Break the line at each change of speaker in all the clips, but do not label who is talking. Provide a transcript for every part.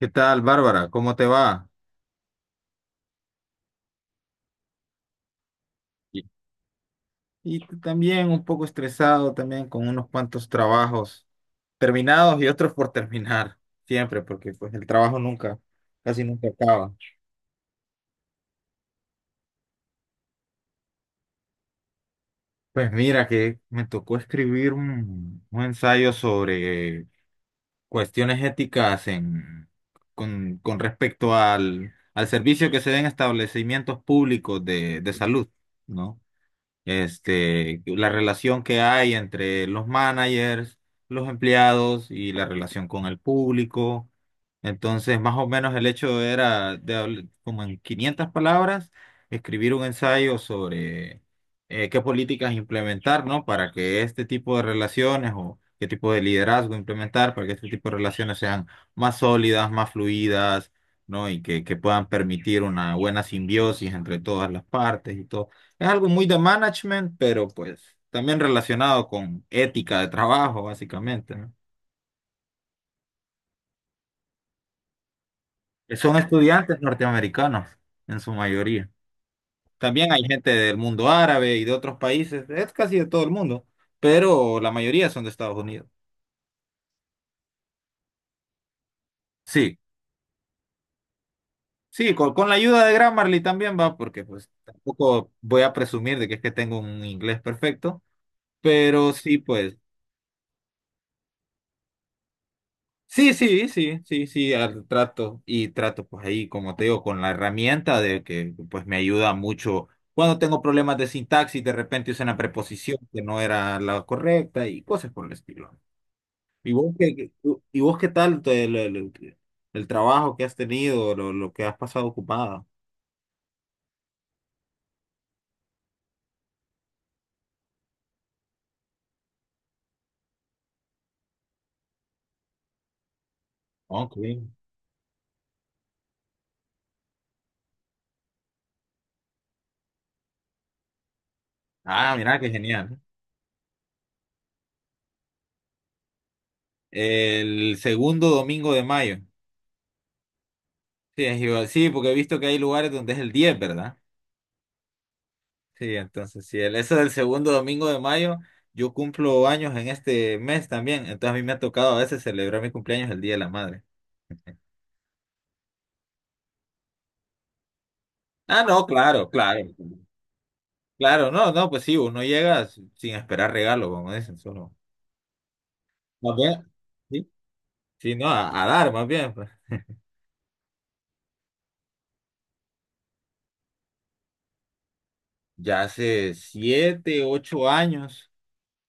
¿Qué tal, Bárbara? ¿Cómo te va? Y y tú también un poco estresado, también con unos cuantos trabajos terminados y otros por terminar, siempre, porque pues el trabajo nunca, casi nunca acaba. Pues mira que me tocó escribir un ensayo sobre cuestiones éticas con respecto al servicio que se den establecimientos públicos de salud, ¿no? Este, la relación que hay entre los managers, los empleados y la relación con el público. Entonces, más o menos el hecho era de como en 500 palabras, escribir un ensayo sobre qué políticas implementar, ¿no? Para que este tipo de relaciones o qué tipo de liderazgo implementar, para que este tipo de relaciones sean más sólidas, más fluidas, ¿no? Y que puedan permitir una buena simbiosis entre todas las partes y todo. Es algo muy de management, pero pues también relacionado con ética de trabajo, básicamente, ¿no? Que Son estudiantes norteamericanos en su mayoría. También hay gente del mundo árabe y de otros países, es casi de todo el mundo, pero la mayoría son de Estados Unidos. Sí, sí, con la ayuda de Grammarly también va, porque pues tampoco voy a presumir de que es que tengo un inglés perfecto, pero sí, pues. Sí, sí, sí, sí, sí, trato y trato pues ahí, como te digo, con la herramienta de que pues me ayuda mucho cuando tengo problemas de sintaxis, de repente usé una preposición que no era la correcta y cosas por el estilo. ¿Y vos y vos qué tal te- el, el- el trabajo que has tenido, lo que has pasado ocupada? Ok. Ah, mira, qué genial, ¿no? El segundo domingo de mayo. Sí, es igual. Sí, porque he visto que hay lugares donde es el 10, ¿verdad? Sí, entonces, sí. Eso del segundo domingo de mayo, yo cumplo años en este mes también, entonces a mí me ha tocado a veces celebrar mi cumpleaños el Día de la Madre. Ah, no, claro, claro. Claro, no, no, pues sí, uno llega sin esperar regalo, como dicen, solo. Más bien, sí, sí, no, a dar, más bien, pues. Ya hace 7, 8 años.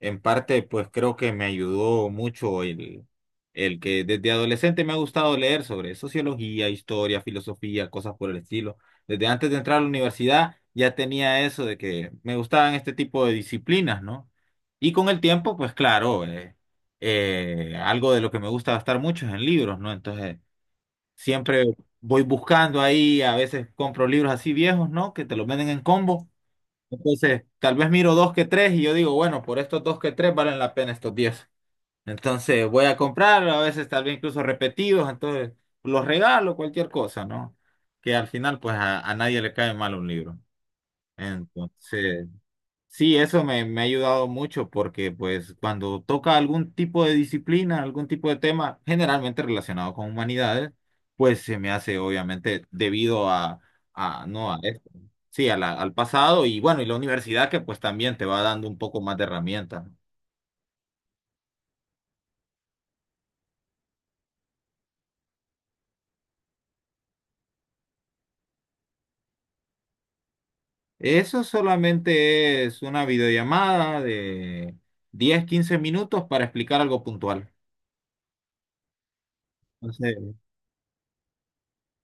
En parte, pues creo que me ayudó mucho el que desde adolescente me ha gustado leer sobre sociología, historia, filosofía, cosas por el estilo. Desde antes de entrar a la universidad ya tenía eso de que me gustaban este tipo de disciplinas, ¿no? Y con el tiempo, pues claro, algo de lo que me gusta gastar mucho es en libros, ¿no? Entonces, siempre voy buscando ahí, a veces compro libros así viejos, ¿no? Que te los venden en combo, entonces, tal vez miro dos que tres y yo digo, bueno, por estos dos que tres valen la pena estos 10. Entonces, voy a comprar, a veces tal vez incluso repetidos, entonces los regalo, cualquier cosa, ¿no? Que al final, pues a nadie le cae mal un libro. Entonces, sí, eso me ha ayudado mucho porque pues cuando toca algún tipo de disciplina, algún tipo de tema generalmente relacionado con humanidades, pues se me hace obviamente debido a no a esto, sí, al pasado y bueno, y la universidad que pues también te va dando un poco más de herramientas, ¿no? Eso solamente es una videollamada de 10, 15 minutos para explicar algo puntual. Entonces,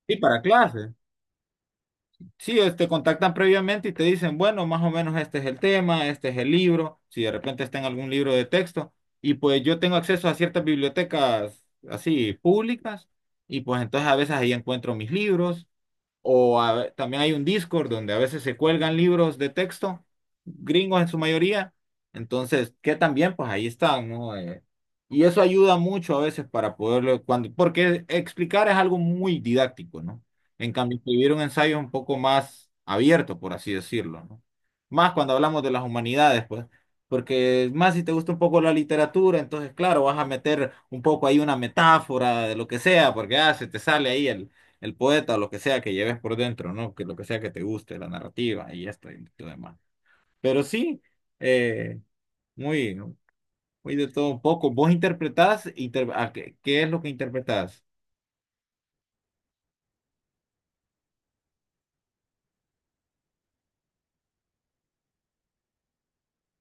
sí, para clases. Sí, te contactan previamente y te dicen, bueno, más o menos este es el tema, este es el libro, si de repente está en algún libro de texto, y pues yo tengo acceso a ciertas bibliotecas así públicas, y pues entonces a veces ahí encuentro mis libros, o también hay un Discord donde a veces se cuelgan libros de texto, gringos en su mayoría. Entonces, que también, pues ahí están, ¿no? Y eso ayuda mucho a veces para poderlo, cuando, porque explicar es algo muy didáctico, ¿no? En cambio, escribir un ensayo es un poco más abierto, por así decirlo, ¿no? Más cuando hablamos de las humanidades, pues. Porque más si te gusta un poco la literatura, entonces claro, vas a meter un poco ahí una metáfora de lo que sea, porque ah, se te sale ahí el poeta, lo que sea que lleves por dentro, ¿no? Que lo que sea que te guste, la narrativa y esto y lo demás. Pero sí, eh, muy, muy de todo un poco. ¿Vos interpretás? ¿A qué es lo que interpretás?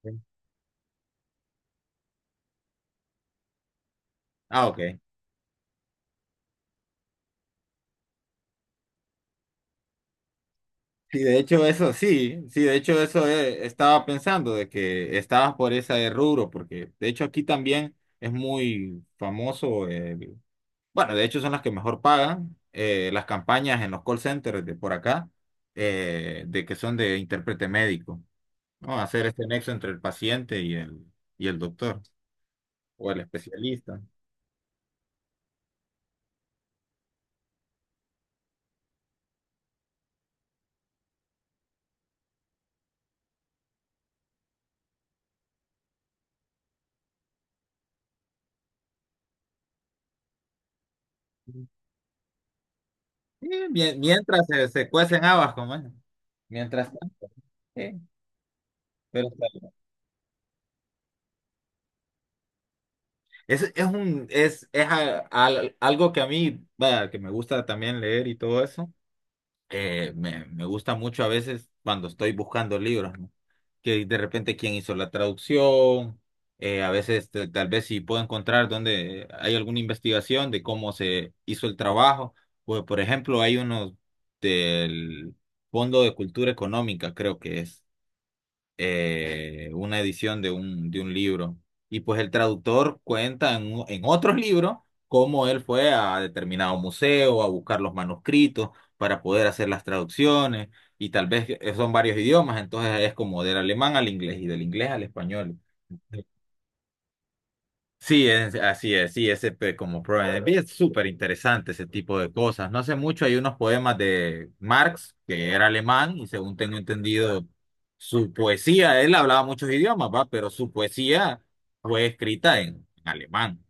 Sí. Ah, ok. Sí, de hecho eso, sí, sí, de hecho eso, estaba pensando de que estabas por ese rubro, porque de hecho aquí también es muy famoso, bueno, de hecho son las que mejor pagan, las campañas en los call centers de por acá, de que son de intérprete médico, ¿no? Hacer este nexo entre el paciente y el doctor o el especialista. Sí, mientras se cuecen habas, como es. Mientras tanto. Sí, pero está bien. Es un, es a- al- Algo que a mí, vaya, que me gusta también leer y todo eso. Me gusta mucho a veces cuando estoy buscando libros, que de repente quién hizo la traducción, a veces tal vez si puedo encontrar donde hay alguna investigación de cómo se hizo el trabajo, pues por ejemplo hay unos del Fondo de Cultura Económica, creo que es, una edición de un libro. Y pues el traductor cuenta en, en otros libros cómo él fue a determinado museo a buscar los manuscritos para poder hacer las traducciones. Y tal vez son varios idiomas, entonces es como del alemán al inglés y del inglés al español. Sí, es, así es, sí, como problema. Es súper interesante ese tipo de cosas. No hace mucho hay unos poemas de Marx, que era alemán, y según tengo entendido, su poesía, él hablaba muchos idiomas, ¿va? Pero su poesía fue escrita en alemán.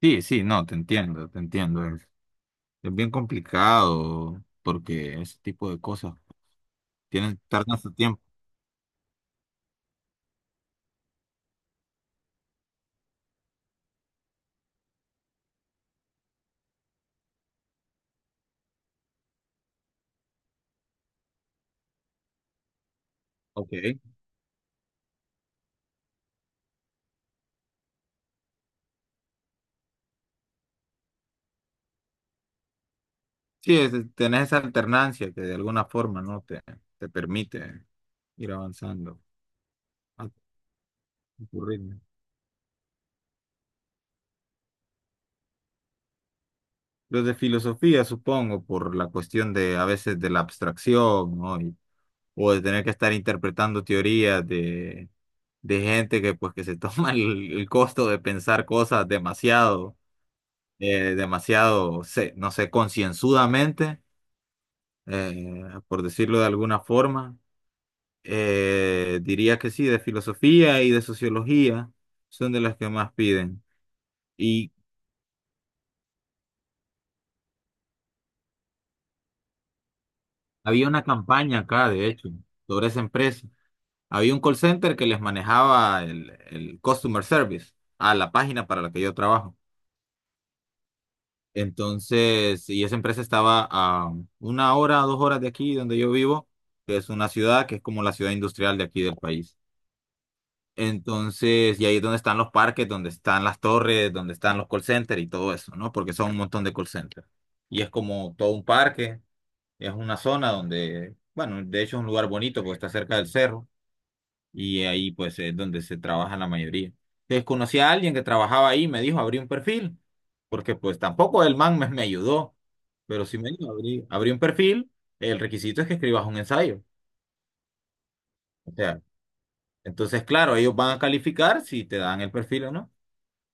Sí, sí, no, te entiendo, te entiendo. Es bien complicado porque ese tipo de cosas tienen, tardan su tiempo. Ok. Sí, tenés esa alternancia que de alguna forma, ¿no? Te permite ir avanzando. Tu ritmo. Los de filosofía, supongo, por la cuestión de a veces de la abstracción, ¿no? O de tener que estar interpretando teorías de gente que pues que se toma el costo de pensar cosas demasiado, demasiado, no sé, concienzudamente, por decirlo de alguna forma. Diría que sí, de filosofía y de sociología son de las que más piden. Y había una campaña acá, de hecho, sobre esa empresa. Había un call center que les manejaba el customer service a la página para la que yo trabajo. Entonces, y esa empresa estaba a una hora, dos horas de aquí, donde yo vivo, que es una ciudad que es como la ciudad industrial de aquí del país. Entonces, y ahí es donde están los parques, donde están las torres, donde están los call centers y todo eso, ¿no? Porque son un montón de call centers. Y es como todo un parque, es una zona donde, bueno, de hecho es un lugar bonito porque está cerca del cerro y ahí pues es donde se trabaja la mayoría. Desconocí a alguien que trabajaba ahí, me dijo abrí un perfil, porque pues tampoco el man me ayudó, pero sí me dijo abrí un perfil, el requisito es que escribas un ensayo. O sea, entonces claro, ellos van a calificar si te dan el perfil o no.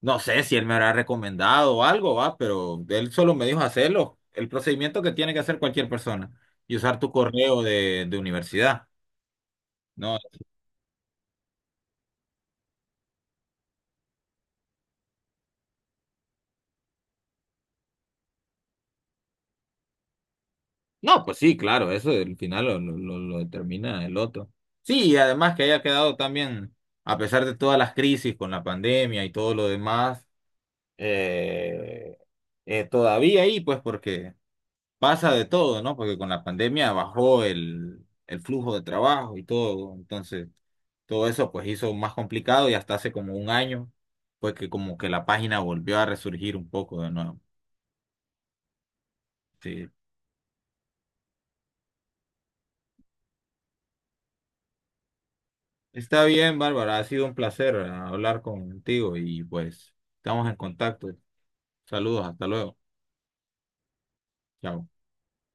No sé si él me habrá recomendado o algo, va, pero él solo me dijo hacerlo, el procedimiento que tiene que hacer cualquier persona y usar tu correo de universidad. No, no, pues sí, claro, eso al final lo determina el otro. Sí, y además que haya quedado también, a pesar de todas las crisis con la pandemia y todo lo demás, eh, todavía ahí, pues porque pasa de todo, ¿no? Porque con la pandemia bajó el flujo de trabajo y todo, entonces todo eso pues hizo más complicado y hasta hace como un año, pues que como que la página volvió a resurgir un poco de nuevo. Sí, está bien, Bárbara, ha sido un placer, ah, hablar contigo y pues estamos en contacto. Saludos, hasta luego. Chao.